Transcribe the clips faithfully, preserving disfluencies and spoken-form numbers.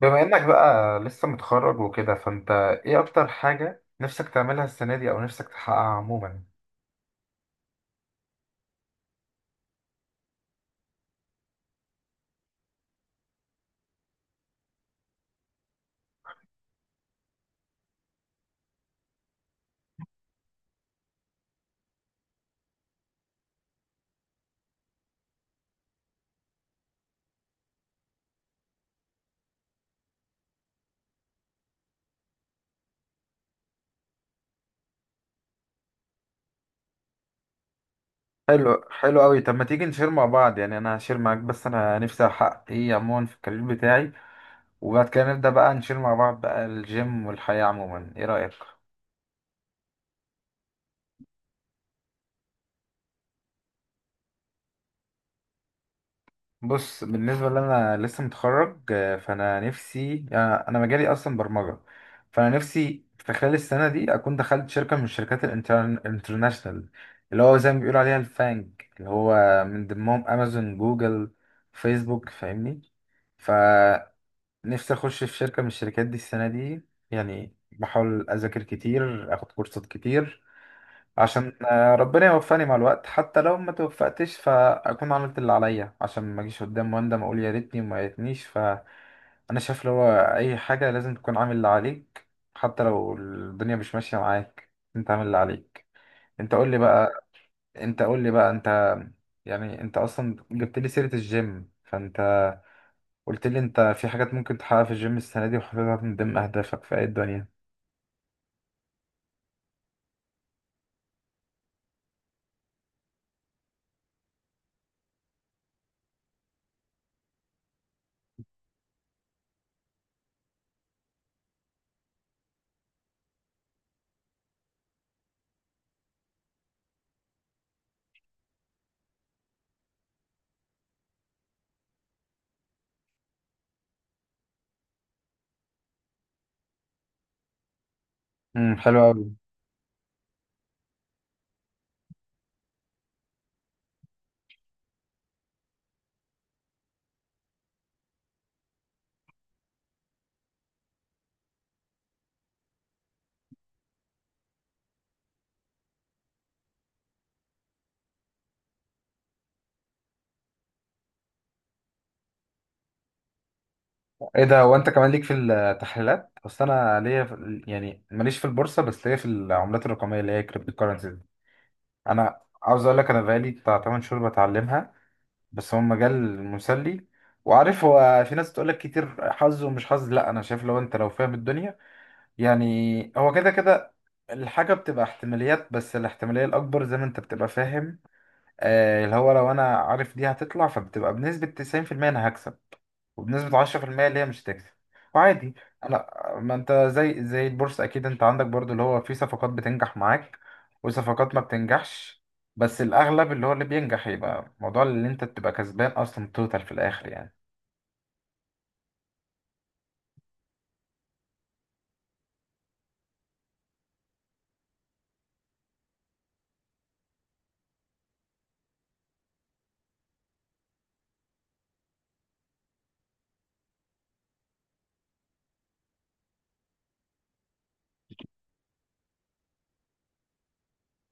بما انك بقى لسه متخرج وكده فانت ايه اكتر حاجة نفسك تعملها السنة دي او نفسك تحققها عموما؟ حلو، حلو قوي. طب ما تيجي نشير مع بعض، يعني انا هشير معاك بس انا نفسي احقق ايه عموما في الكارير بتاعي، وبعد كده نبدأ بقى نشير مع بعض بقى الجيم والحياة عموما. ايه رأيك؟ بص، بالنسبة لي أنا لسه متخرج، آه، فأنا نفسي آه، أنا مجالي أصلا برمجة. فأنا نفسي في خلال السنة دي أكون دخلت شركة من الشركات الانترناشنال، اللي هو زي ما بيقولوا عليها الفانج، اللي هو من ضمنهم أمازون، جوجل، فيسبوك، فاهمني؟ فنفسي أخش في شركة من الشركات دي السنة دي. يعني بحاول أذاكر كتير، أخد كورسات كتير عشان آه، ربنا يوفقني مع الوقت. حتى لو ما توفقتش فاكون عملت اللي عليا، عشان ما اجيش قدام واندم اقول يا ريتني وما ريتنيش. فانا شايف اللي هو اي حاجه لازم تكون عامل اللي عليك، حتى لو الدنيا مش ماشيه معاك انت عامل اللي عليك. انت قول لي بقى انت قول لي بقى انت يعني انت اصلا جبت لي سيره الجيم، فانت قلت لي انت في حاجات ممكن تحققها في الجيم السنه دي وحاططها من ضمن اهدافك في اي الدنيا. امم، حلو قوي. ايه ده! وانت كمان ليك في التحليلات؟ اصل انا ليا في ال- يعني ماليش في البورصه بس ليا في العملات الرقميه اللي هي كريبتو كورنسي. انا عاوز اقول لك انا بقالي بتاع تمن شهور بتعلمها، بس هو مجال مسلي. وعارف هو في ناس تقول لك كتير حظ ومش حظ، لا انا شايف لو انت لو فاهم الدنيا يعني هو كده كده الحاجه بتبقى احتماليات، بس الاحتماليه الاكبر زي ما انت بتبقى فاهم، آه اللي هو لو انا عارف دي هتطلع فبتبقى بنسبه تسعين في المية انا هكسب، وبنسبة عشرة في المية اللي هي مش هتكسب. وعادي. أنا، ما أنت زي زي البورصة أكيد أنت عندك برضو اللي هو في صفقات بتنجح معاك وصفقات ما بتنجحش، بس الأغلب اللي هو اللي بينجح يبقى موضوع اللي أنت تبقى كسبان أصلا توتال في الآخر يعني.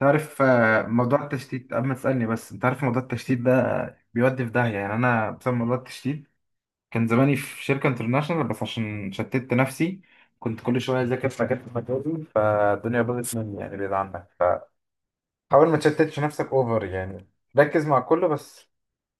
تعرف آه، موضوع التشتيت؟ قبل ما تسألني بس انت عارف موضوع التشتيت ده بيودي في داهية. يعني انا بسبب موضوع التشتيت كان زماني في شركة انترناشونال، بس عشان شتت نفسي كنت كل شوية اذاكر في مجال في مجالي فالدنيا باظت مني يعني، بعيد عنك. حاول ما تشتتش نفسك اوفر يعني، ركز مع كله بس.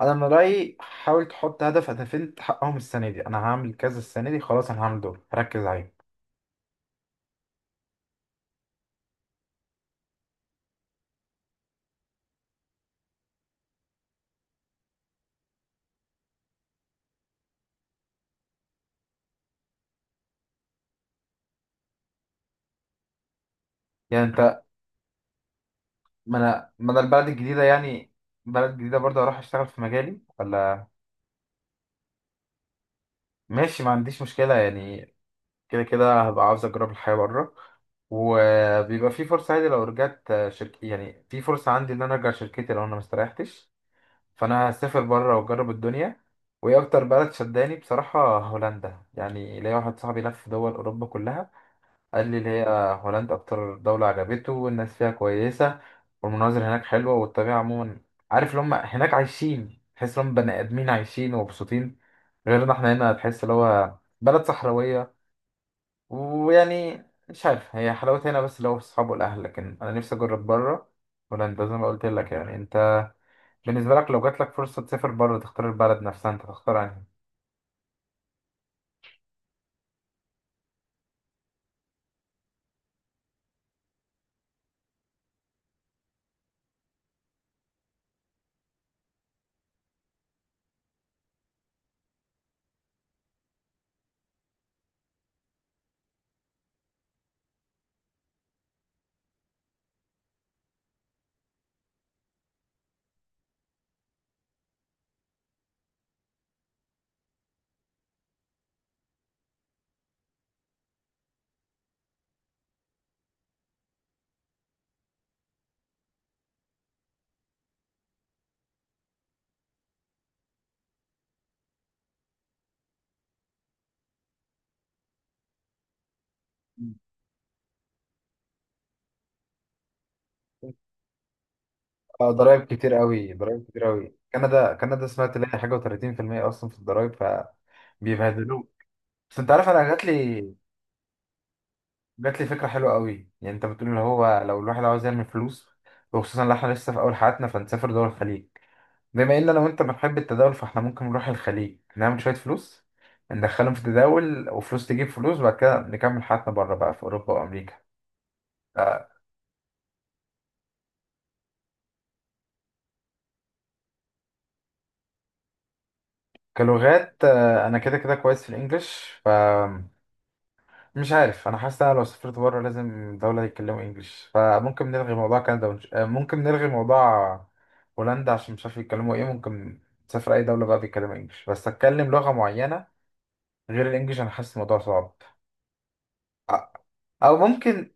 انا من رايي حاول تحط هدف، هدفين تحققهم السنه دي. انا هعمل كذا السنه دي خلاص، انا هعمل دول ركز عليهم. يعني انت ما انا ما انا البلد الجديده يعني بلد جديده برضه هروح اشتغل في مجالي، ولا ماشي. ما عنديش مشكله يعني. كده كده هبقى عاوز اجرب الحياه بره، وبيبقى في فرصه عادي لو رجعت شركة. يعني في فرصه عندي ان انا ارجع شركتي لو انا ما استريحتش. فانا هسافر بره واجرب الدنيا. وايه اكتر بلد شداني؟ بصراحه هولندا. يعني ليا واحد صاحبي لف دول اوروبا كلها، قال لي اللي هي هولندا اكتر دوله عجبته والناس فيها كويسه والمناظر هناك حلوه والطبيعه عموما. عارف اللي هم هناك عايشين، تحس ان هم بني ادمين عايشين ومبسوطين، غيرنا احنا هنا تحس اللي هو بلد صحراويه ويعني مش عارف. هي حلاوتها هنا بس اللي هو في الصحاب والاهل، لكن انا نفسي اجرب بره، هولندا زي ما قلت لك يعني. بالنسبة لك لو جات لك فرصة تسافر بره تختار البلد نفسها انت، تختار انهي؟ مم. اه، ضرايب كتير قوي، ضرايب كتير قوي. كندا، كندا سمعت اللي هي حاجة و30% اصلا في الضرايب ف... بيبهدلوك. بس انت عارف انا جات لي جات لي فكرة حلوة قوي. يعني انت بتقول اللي هو لو الواحد عاوز يعمل فلوس، وخصوصا لو احنا لسه في اول حياتنا فنسافر دول الخليج. بما ان انا وانت بنحب التداول فاحنا ممكن نروح الخليج نعمل شوية فلوس، ندخلهم في تداول وفلوس تجيب فلوس، وبعد كده نكمل حياتنا بره بقى في اوروبا وامريكا. كلغات آه، انا كده كده كويس في الانجليش فمش عارف. انا حاسس إن انا لو سافرت بره لازم دولة يتكلموا انجليش، فممكن نلغي موضوع كندا، ونش... آه، ممكن نلغي موضوع هولندا عشان مش عارف يتكلموا ايه. ممكن تسافر اي دولة بقى بيتكلموا انجليش، بس اتكلم لغة معينة غير الانجليش انا حاسس الموضوع صعب. آه، او ممكن...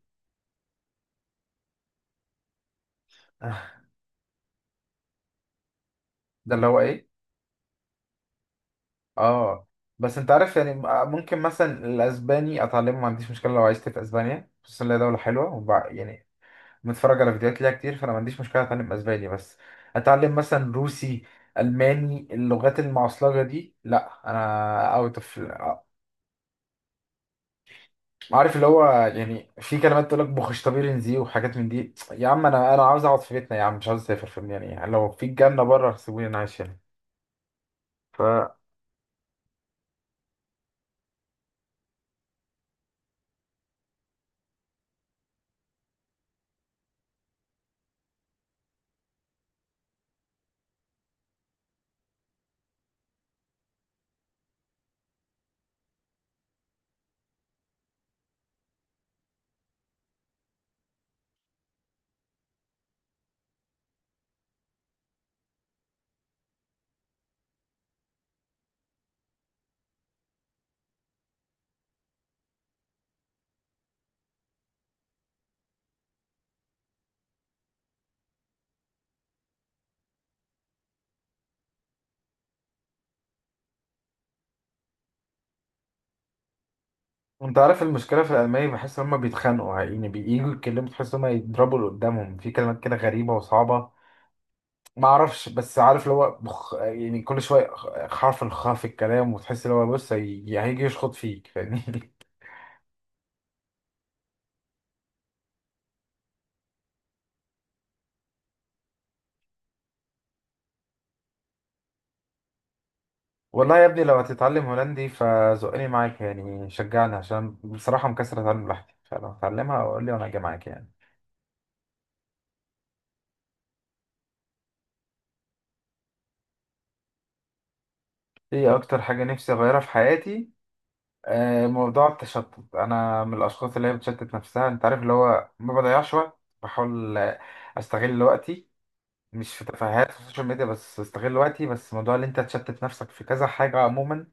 ده اللي هو ايه؟ اه. بس انت عارف يعني م- ممكن مثلا الاسباني اتعلمه ما عنديش مشكله، لو عشت في اسبانيا خصوصا إن هي دوله حلوه وبع... يعني متفرج على فيديوهات ليها كتير، فانا ما عنديش مشكله اتعلم اسباني. بس اتعلم مثلا روسي، الماني، اللغات المعصلجه دي لا، انا اوت اوف. عارف اللي هو يعني في كلمات تقول لك بوخشتبيرن زي وحاجات من دي، يا عم انا انا عاوز اقعد في بيتنا، يا عم مش عاوز اسافر في... يعني لو في الجنه بره سيبوني انا عايش هنا. فانت عارف المشكله في الالماني بحس ان هم بيتخانقوا، يعني بييجوا يتكلموا تحس ان هم يضربوا اللي قدامهم في كلمات كده غريبه وصعبه. ما اعرفش، بس عارف اللي هو بخ... يعني كل شويه خ- حرف الخاء في الكلام، وتحس اللي هو بص هي... هيجي يشخط فيك، فاهمني؟ والله يا ابني لو هتتعلم هولندي فزقني معاك، يعني شجعني عشان بصراحه مكسر اتعلم لوحدي، فلو هتعلمها قول لي وانا اجي معاك يعني. ايه اكتر حاجه نفسي اغيرها في حياتي؟ آه، موضوع التشتت. انا من الاشخاص اللي هي بتشتت نفسها. انت عارف اللي هو ما بضيعش وقت، بحاول آه، استغل وقتي مش في تفاهات في السوشيال ميديا، بس استغل وقتي، بس موضوع اللي انت تشتت نفسك في كذا حاجه عموما،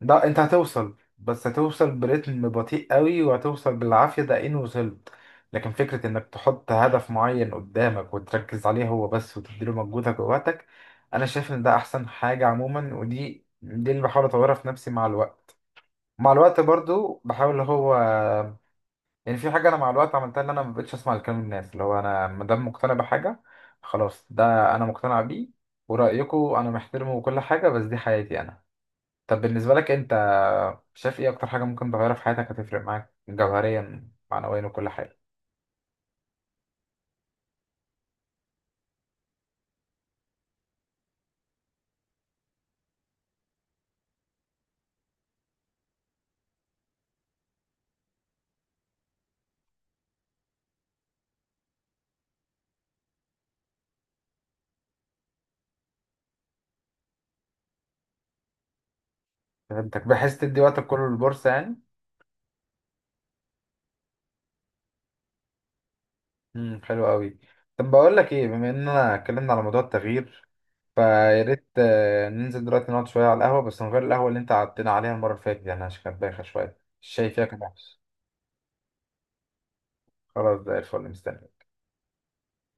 لا انت هتوصل بس هتوصل برتم بطيء قوي وهتوصل بالعافية. دقيقتين وصلت. لكن فكرة انك تحط هدف معين قدامك وتركز عليه هو بس وتديله مجهودك ووقتك، انا شايف ان ده احسن حاجة عموما. ودي دي اللي بحاول اطورها في نفسي مع الوقت. مع الوقت برضو بحاول اللي هو يعني في حاجة انا مع الوقت عملتها، ان انا ما بقتش اسمع لكلام الناس. اللي هو انا ما دام مقتنع بحاجة خلاص ده انا مقتنع بيه، ورأيكم انا محترمه وكل حاجة، بس دي حياتي انا. طب بالنسبة لك أنت، شايف إيه أكتر حاجة ممكن تغيرها في حياتك هتفرق معاك جوهريا معنويا وكل حاجة؟ فهمتك، بحيث تدي وقتك كله للبورصة يعني؟ امم، حلو قوي. طب بقول لك إيه، بما إننا اتكلمنا على موضوع التغيير فيا ريت آه، ننزل دلوقتي نقعد شوية على القهوة، بس من غير القهوة اللي أنت قعدتنا عليها المرة اللي فاتت يعني، عشان كانت بايخة شوية. الشاي فيها كان وحش. خلاص زي الفل، مستني.